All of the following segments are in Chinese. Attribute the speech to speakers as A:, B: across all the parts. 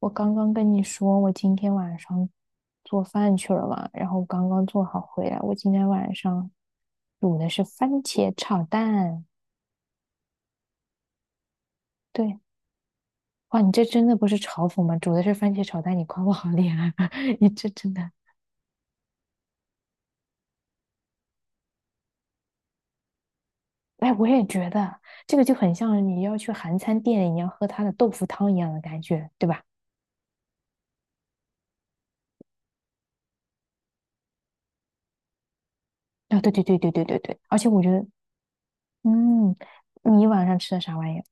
A: 我刚刚跟你说，我今天晚上做饭去了嘛，然后刚刚做好回来。我今天晚上煮的是番茄炒蛋。对，哇，你这真的不是嘲讽吗？煮的是番茄炒蛋，你夸我好厉害，你这真的。哎，我也觉得这个就很像你要去韩餐店，你要喝它的豆腐汤一样的感觉，对吧？啊，对对对对对对对，而且我觉得，嗯，你晚上吃的啥玩意儿？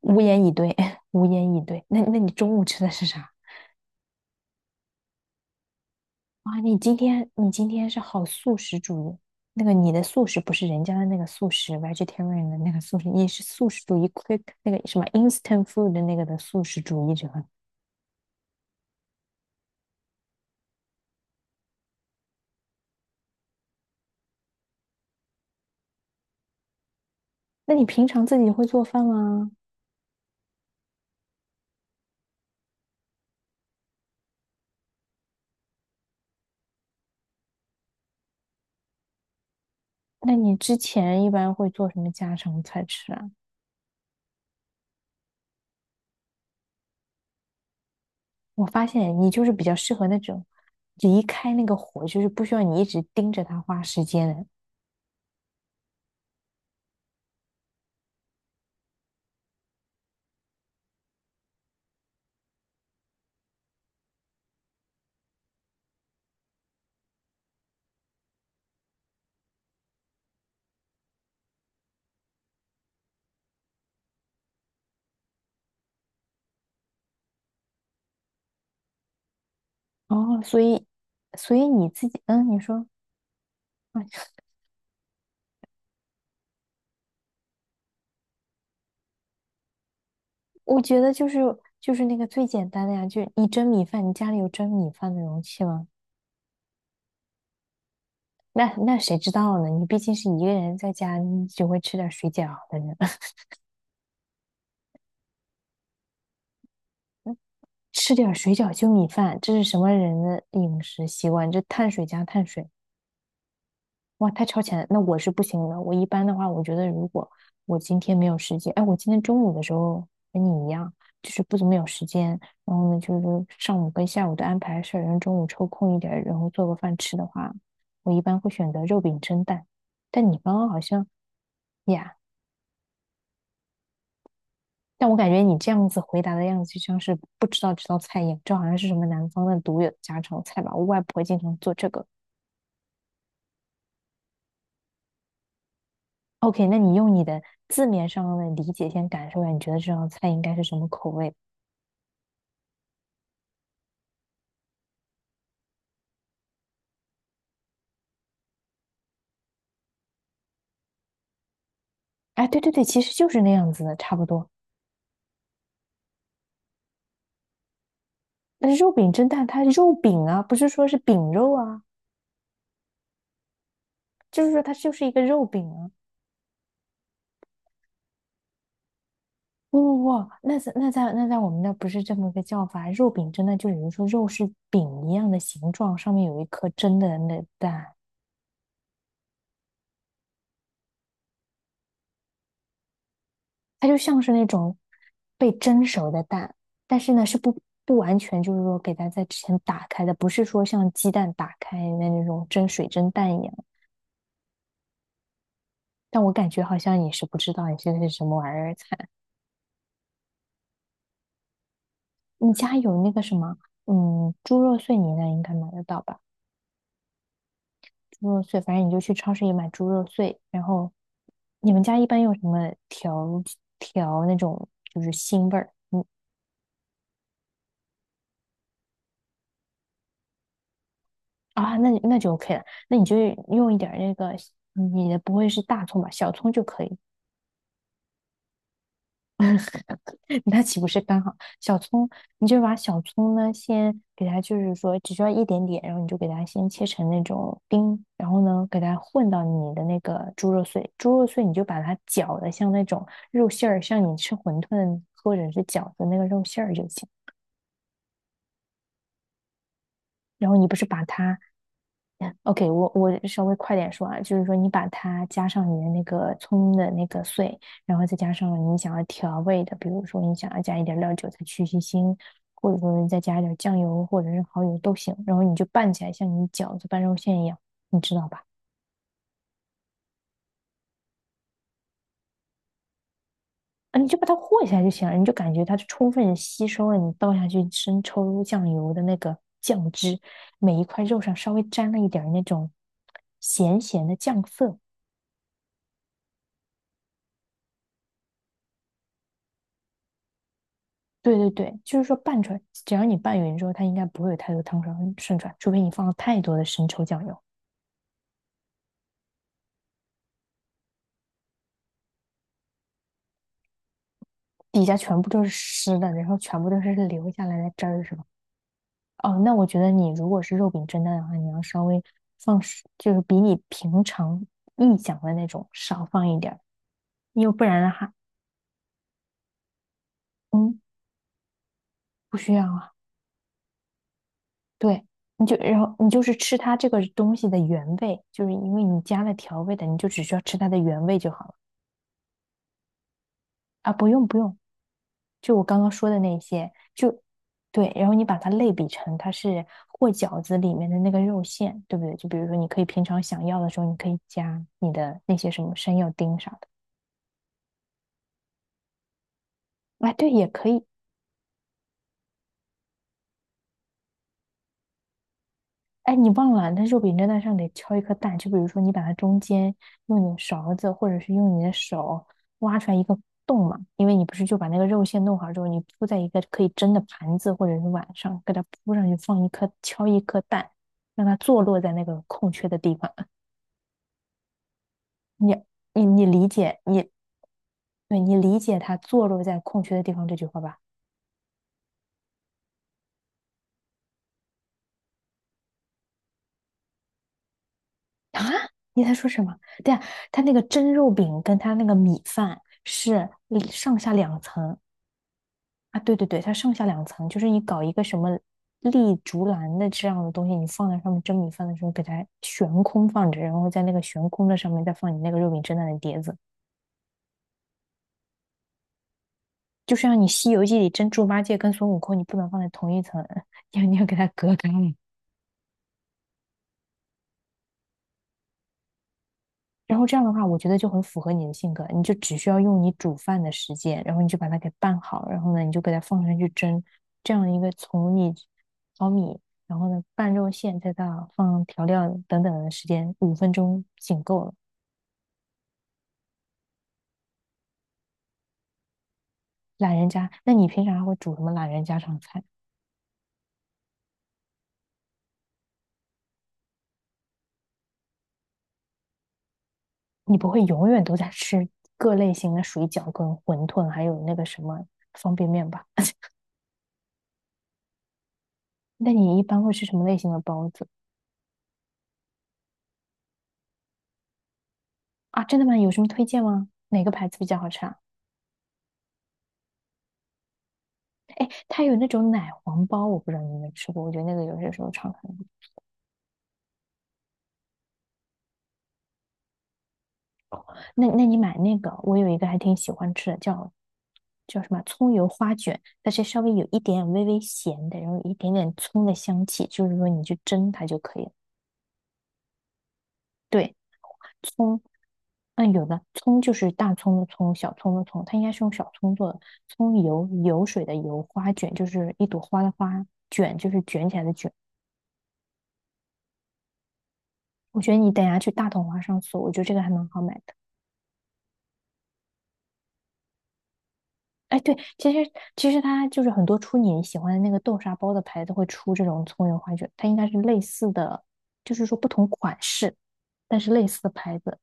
A: 无言以对，无言以对。那你中午吃的是啥？哇，你今天是好素食主义，那个你的素食不是人家的那个素食 vegetarian 的那个素食，你是素食主义 quick 那个什么 instant food 的那个的素食主义者。那你平常自己会做饭吗？那你之前一般会做什么家常菜吃啊？我发现你就是比较适合那种离开那个火，就是不需要你一直盯着它花时间的。哦，所以你自己，嗯，你说。啊，我觉得就是那个最简单的呀，就你蒸米饭，你家里有蒸米饭的容器吗？那谁知道呢？你毕竟是一个人在家，你只会吃点水饺的人，吃点水饺就米饭，这是什么人的饮食习惯？这碳水加碳水。哇，太超前了，那我是不行的。我一般的话，我觉得如果我今天没有时间，哎，我今天中午的时候跟你一样，就是不怎么有时间，然后呢，就是上午跟下午都安排事儿，然后中午抽空一点儿，然后做个饭吃的话，我一般会选择肉饼蒸蛋。但你刚刚好像呀，但我感觉你这样子回答的样子，就像是不知道这道菜一样，这好像是什么南方的独有的家常菜吧？我外婆经常做这个。OK，那你用你的字面上的理解先感受一下，你觉得这道菜应该是什么口味？哎，对对对，其实就是那样子的，差不多。但是肉饼蒸蛋，它肉饼啊，不是说是饼肉啊，就是说它就是一个肉饼啊。哇哇哇，那在我们那不是这么个叫法，肉饼蒸蛋就比如说肉是饼一样的形状，上面有一颗蒸的那蛋。它就像是那种被蒸熟的蛋，但是呢是不完全就是说给它在之前打开的，不是说像鸡蛋打开的那种蒸水蒸蛋一样。但我感觉好像你是不知道你现在是什么玩意儿菜。你家有那个什么，嗯，猪肉碎你那应该买得到吧？猪肉碎，反正你就去超市里买猪肉碎。然后你们家一般用什么调那种就是腥味儿？你啊，那你那就 OK 了，那你就用一点儿那个，你的不会是大葱吧？小葱就可以，那岂不是刚好？小葱，你就把小葱呢，先给它，就是说只需要一点点，然后你就给它先切成那种丁，然后呢，给它混到你的那个猪肉碎，猪肉碎你就把它搅的像那种肉馅儿，像你吃馄饨或者是饺子那个肉馅儿就行。然后你不是把它 OK，我稍微快点说啊，就是说你把它加上你的那个葱的那个碎，然后再加上你想要调味的，比如说你想要加一点料酒才去去腥，或者说再加一点酱油或者是蚝油都行，然后你就拌起来，像你饺子拌肉馅一样，你知道吧？啊，你就把它和一下就行了，你就感觉它充分吸收了你倒下去生抽酱油的那个酱汁，每一块肉上稍微沾了一点儿那种咸咸的酱色。对对对，就是说拌出来，只要你拌匀之后，它应该不会有太多汤水渗出来，除非你放了太多的生抽酱油，底下全部都是湿的，然后全部都是留下来的汁儿，是吧？哦，那我觉得你如果是肉饼蒸蛋的话，你要稍微放就是比你平常臆想的那种少放一点儿，为不然的话，嗯，不需要啊。对，你就然后你就是吃它这个东西的原味，就是因为你加了调味的，你就只需要吃它的原味就好了啊，不用不用。就我刚刚说的那些，就对，然后你把它类比成它是和饺子里面的那个肉馅，对不对？就比如说，你可以平常想要的时候，你可以加你的那些什么山药丁啥的。哎，对，也可以。哎，你忘了，那肉饼蒸蛋上得敲一颗蛋。就比如说，你把它中间用你的勺子或者是用你的手挖出来一个洞嘛，因为你不是就把那个肉馅弄好之后，你铺在一个可以蒸的盘子或者是碗上，给它铺上去，放一颗敲一颗蛋，让它坐落在那个空缺的地方。你你理解，对你理解他坐落在空缺的地方这句话吧？啊，你在说什么？对呀，他那个蒸肉饼跟他那个米饭是上下两层啊！对对对，它上下两层，就是你搞一个什么立竹篮的这样的东西，你放在上面蒸米饭的时候，给它悬空放着，然后在那个悬空的上面再放你那个肉饼蒸蛋的碟子，就像你《西游记》里蒸猪八戒跟孙悟空，你不能放在同一层，你要给它隔开。然后这样的话，我觉得就很符合你的性格，你就只需要用你煮饭的时间，然后你就把它给拌好，然后呢，你就给它放上去蒸，这样一个从你淘米，然后呢拌肉馅，再到放调料等等的时间，5分钟仅够了。懒人家，那你平常还会煮什么懒人家常菜？你不会永远都在吃各类型的水饺、跟馄饨，还有那个什么方便面吧？那你一般会吃什么类型的包子啊？真的吗？有什么推荐吗？哪个牌子比较好吃啊？它有那种奶黄包，我不知道你有没有吃过，我觉得那个有些时候常常。那你买那个，我有一个还挺喜欢吃的，叫什么葱油花卷，它是稍微有一点微微咸的，然后有一点点葱的香气，就是说你去蒸它就可以了。对，葱，嗯，有的葱就是大葱的葱，小葱的葱，它应该是用小葱做的。葱油油水的油，花卷就是一朵花的花，卷就是卷起来的卷。我觉得你等一下去大统华上搜，我觉得这个还蛮好买的。哎，对，其实它就是很多出你喜欢的那个豆沙包的牌子会出这种葱油花卷，它应该是类似的，就是说不同款式，但是类似的牌子。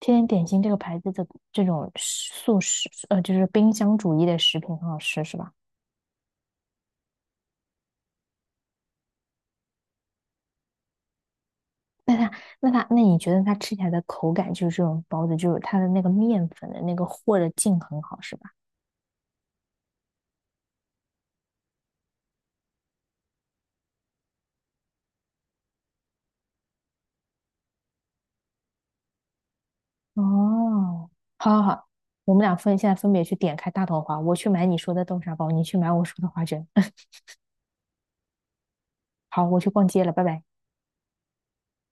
A: 天天点心这个牌子的这种食素食，就是冰箱主义的食品很好吃，是吧？那它那它那你觉得它吃起来的口感就是这种包子，就是它的那个面粉的那个和的劲很好，是吧？哦，好好好，我们俩现在分别去点开大头花，我去买你说的豆沙包，你去买我说的花卷。好，我去逛街了，拜拜。